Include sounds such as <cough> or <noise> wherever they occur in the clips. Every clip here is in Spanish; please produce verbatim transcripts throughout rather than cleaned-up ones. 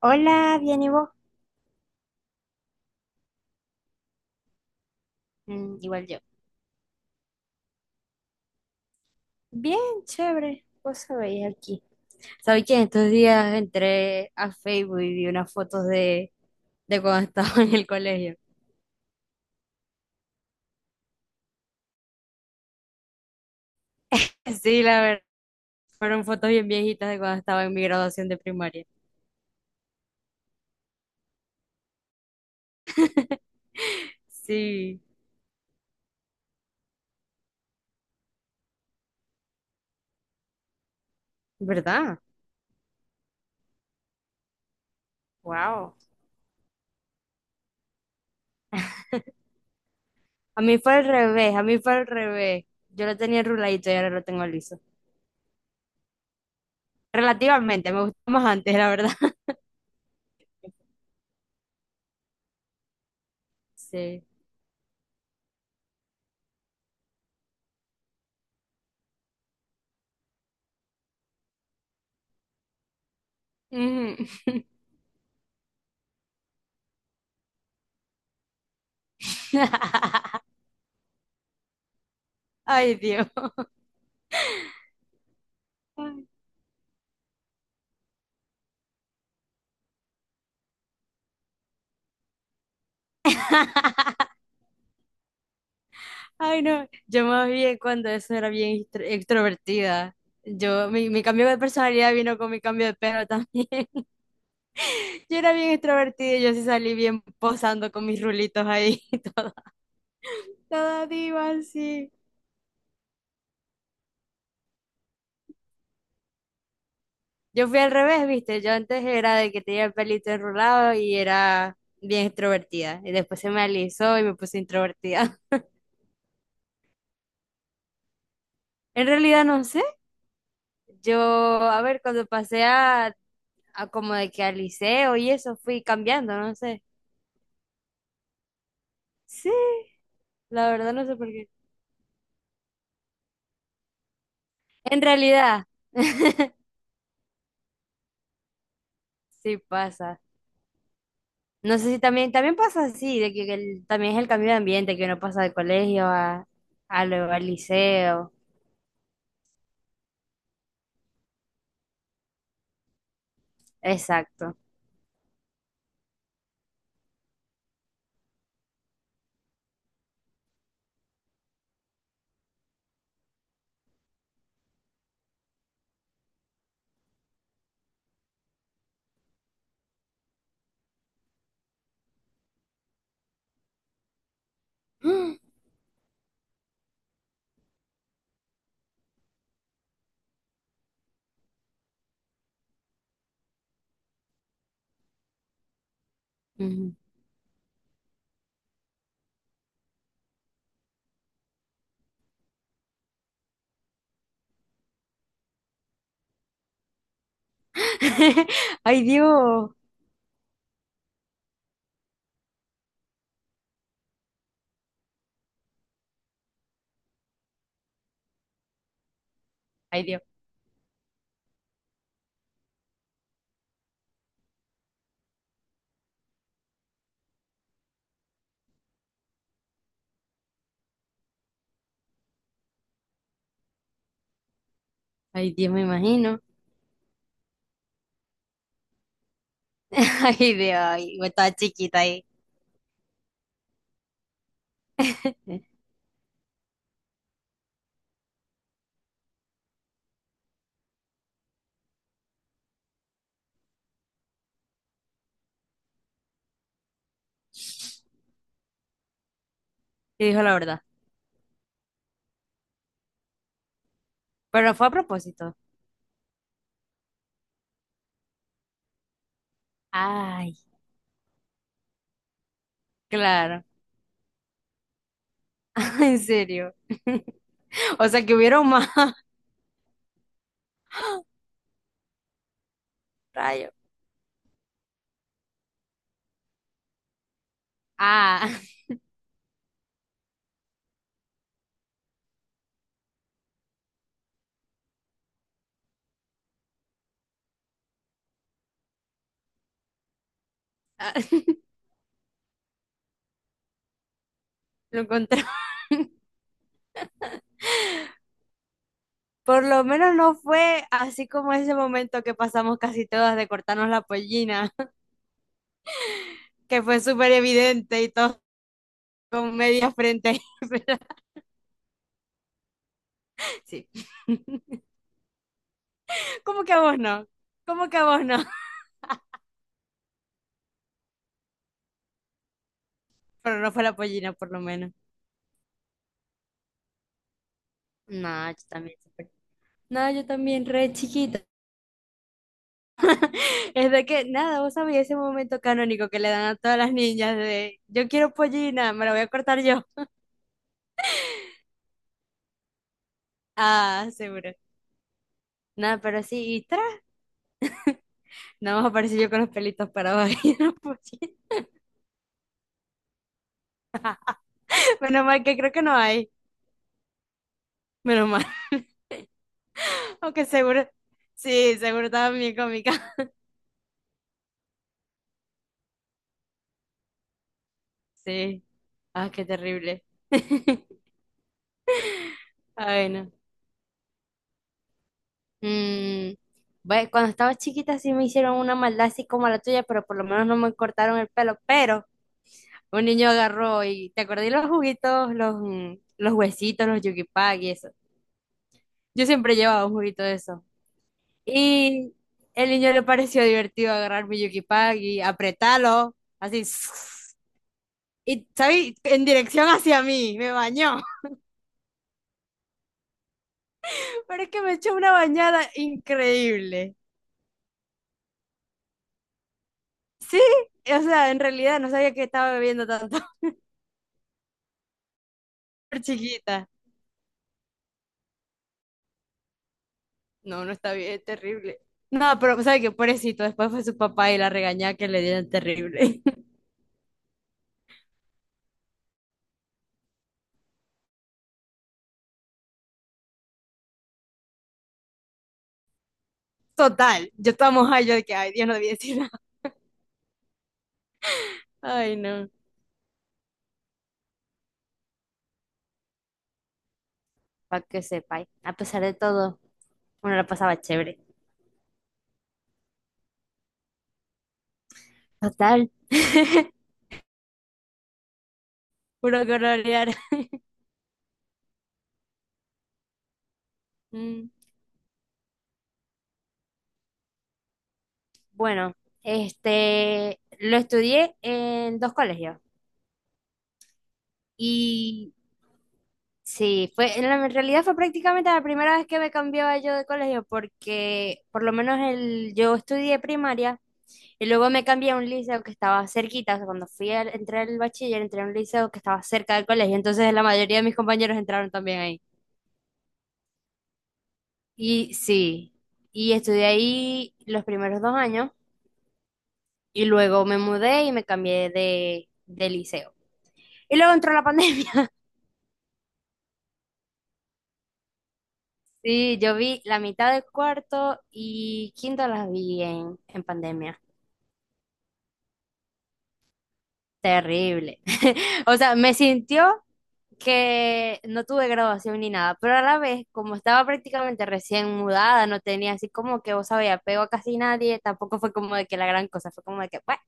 Hola, bien, ¿y vos? Mm, igual yo. Bien, chévere. Vos sabéis aquí. ¿Sabéis que estos días entré a Facebook y vi unas fotos de, de cuando <laughs> estaba en el colegio? Sí, la verdad, fueron fotos bien viejitas de cuando estaba en mi graduación de primaria. <laughs> Sí, ¿verdad? Wow. A mí fue al revés, a mí fue al revés. Yo lo tenía ruladito y ahora lo tengo liso. Relativamente, me gustó más antes, la verdad. <laughs> Sí. Ujú. <laughs> Ay, Dios. Ay, ay, no, yo más bien cuando eso era bien extro- extrovertida. Yo, mi, mi cambio de personalidad vino con mi cambio de pelo también. <laughs> Yo era bien extrovertida y yo sí salí bien posando con mis rulitos ahí, <laughs> toda, toda diva sí. Yo fui al revés, viste, yo antes era de que tenía el pelito enrulado y era bien extrovertida. Y después se me alisó y me puse introvertida. <laughs> En realidad no sé, yo, a ver, cuando pasé a Ah, como de que al liceo y eso fui cambiando, no sé. Sí, la verdad no sé por qué. En realidad, <laughs> sí pasa. No sé si también, también pasa así, de que el- también es el cambio de ambiente, que uno pasa de colegio a, a lo- al liceo. Exacto. <gasps> Ujú. <laughs> Ay, Dios. Ay, Dios. Ay, Dios, me imagino. <laughs> Ay, Dios, ay, yo estaba chiquita ahí. Y dijo la verdad. Pero fue a propósito. Ay, claro. <laughs> En serio. O sea que hubieron más <laughs> rayos. Ah, <laughs> lo encontré. Por lo menos no fue así como ese momento que pasamos casi todas de cortarnos la pollina, <laughs> que fue súper evidente y todos con media frente. <laughs> Pero, sí. <laughs> ¿Cómo que a vos no? ¿Cómo que a vos no? <laughs> Pero no fue la pollina, por lo menos. No, yo también. súper- No, yo también, re chiquita. Es de que, nada, vos sabés ese momento canónico que le dan a todas las niñas de, yo quiero pollina, me la voy a cortar yo. Ah, seguro. Nada, pero sí, y tras, no <laughs> más aparecí yo con los pelitos parados ahí en la mochila. <laughs> Menos mal que creo que no hay. Menos mal. <laughs> Aunque seguro, sí, seguro estaba bien cómica. <laughs> Sí. Ah, qué terrible. <laughs> Ay, no. Mm, Ve, cuando estaba chiquita sí me hicieron una maldad así como la tuya, pero por lo menos no me cortaron el pelo. Pero un niño agarró y te acordé los juguitos, los, mm, los huesitos, los yugipag y eso. Yo siempre llevaba un juguito de esos. Y el niño le pareció divertido agarrar mi Yukipag y apretarlo, así. Y, ¿sabes? En dirección hacia mí, me bañó. <laughs> Pero es que me echó una bañada increíble. Sí, o sea, en realidad no sabía que estaba bebiendo tanto <laughs> por chiquita. No, no está bien, es terrible. No, pero ¿sabes qué? Pobrecito, después fue su papá y la regañada que le dieron terrible. <laughs> Total, yo estaba mojada, yo de que, ay, Dios, no debía decir nada. Ay, no. Para que sepáis, a pesar de todo, uno la pasaba chévere. Total. <laughs> Puro colorear. Mm, Bueno, este, lo estudié en dos colegios y sí, fue, en, la, en realidad fue prácticamente la primera vez que me cambiaba yo de colegio porque por lo menos el, yo estudié primaria y luego me cambié a un liceo que estaba cerquita, o sea, cuando fui al, entré al bachiller, entré a un liceo que estaba cerca del colegio, entonces la mayoría de mis compañeros entraron también ahí. Y sí, y estudié ahí los primeros dos años. Y luego me mudé y me cambié de, de liceo. Y luego entró la pandemia. <laughs> Sí, yo vi la mitad de cuarto y quinto las vi en, en pandemia. Terrible. <laughs> O sea, me sintió que no tuve graduación ni nada, pero a la vez, como estaba prácticamente recién mudada, no tenía así como que, vos sabés, apego a casi nadie, tampoco fue como de que la gran cosa, fue como de que, bueno,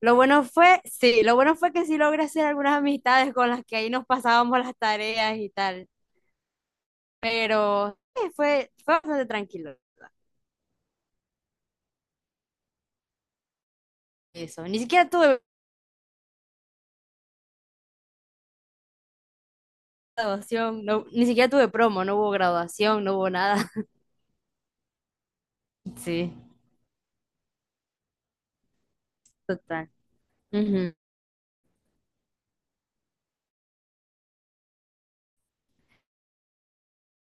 lo bueno fue, sí, lo bueno fue que sí logré hacer algunas amistades con las que ahí nos pasábamos las tareas y tal. Pero eh, fue, fue bastante tranquilo eso. Ni siquiera tuve graduación, no, ni siquiera tuve promo, no hubo graduación, no hubo nada. <laughs> Sí, total. Ujú.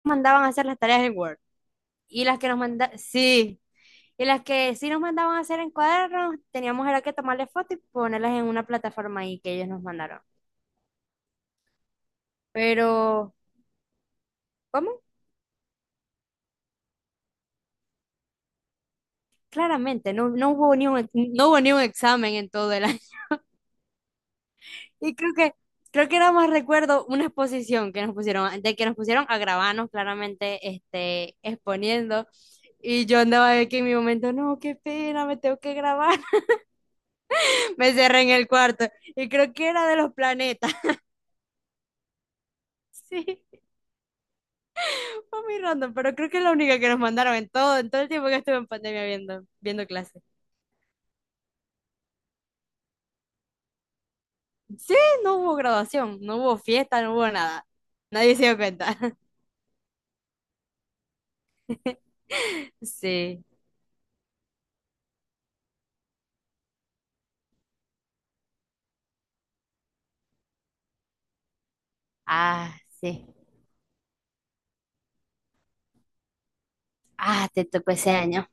Mandaban a hacer las tareas en Word. Y las que nos mandaban, sí. Y las que sí nos mandaban a hacer en cuadernos, teníamos era que tomarle fotos y ponerlas en una plataforma ahí que ellos nos mandaron. Pero, ¿cómo? Claramente, no, no hubo ni un, ex- no hubo ni un examen en todo el. Y creo que, creo que era más recuerdo una exposición que nos pusieron, de que nos pusieron a grabarnos claramente, este, exponiendo. Y yo andaba aquí en mi momento, no, qué pena, me tengo que grabar. <laughs> Me cerré en el cuarto. Y creo que era de los planetas. <laughs> Sí, fue muy random, pero creo que es la única que nos mandaron en todo, en todo el tiempo que estuve en pandemia viendo, viendo clases. Sí, no hubo graduación, no hubo fiesta, no hubo nada. Nadie se dio cuenta. <laughs> Sí. Ah, sí. Ah, te tocó ese año.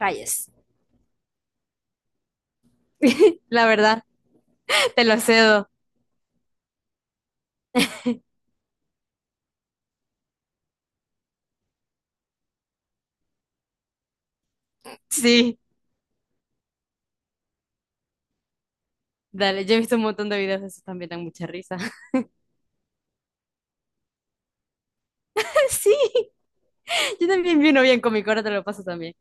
Rayes. <laughs> La verdad, te lo cedo. Sí, dale, yo he visto un montón de videos de esos también, dan mucha risa. <laughs> Sí, yo también vi uno bien cómico, ahora te lo paso también.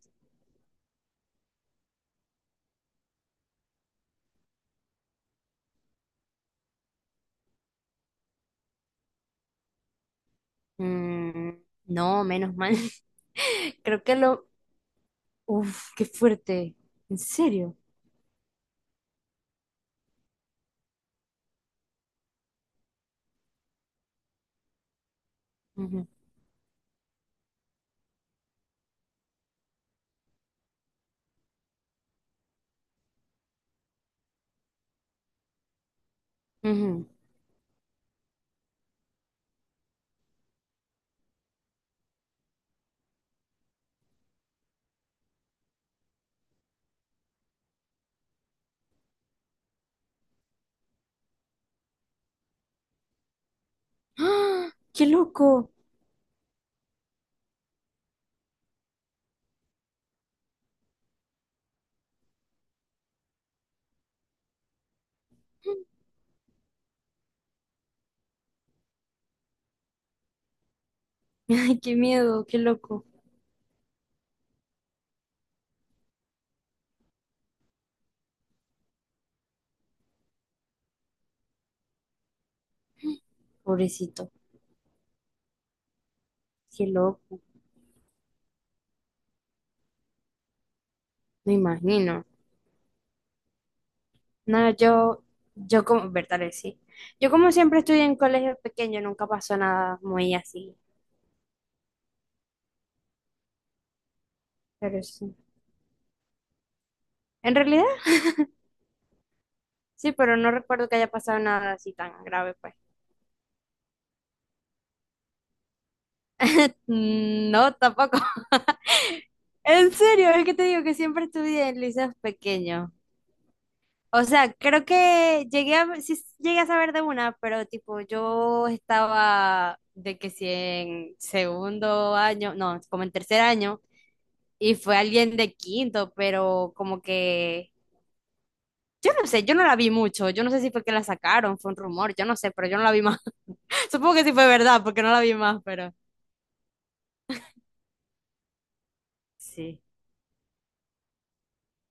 Mm, no, menos mal. <laughs> Creo que lo... Uf, qué fuerte. ¿En serio? Ujú, ujú. ¡Ah! ¡Qué loco! <laughs> Ay, qué miedo, qué loco. Pobrecito, qué loco. Me imagino. No, yo, yo como, verdad, sí. Yo como siempre estudié en colegio pequeño, nunca pasó nada muy así, pero sí. En realidad, sí, pero no recuerdo que haya pasado nada así tan grave, pues. Mm, no, tampoco. <laughs> En serio, es que te digo que siempre estudié en liceos pequeños. O sea, creo que llegué a, sí llegué a saber de una, pero tipo, yo estaba de que si en segundo año, no, como en tercer año, y fue alguien de quinto, pero como que no sé, yo no la vi mucho, yo no sé si fue que la sacaron, fue un rumor, yo no sé, pero yo no la vi más. <laughs> Supongo que sí fue verdad, porque no la vi más, pero sí,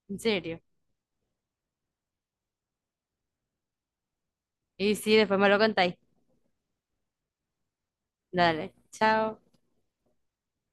en serio. Y sí, después me lo contáis. Dale, chao.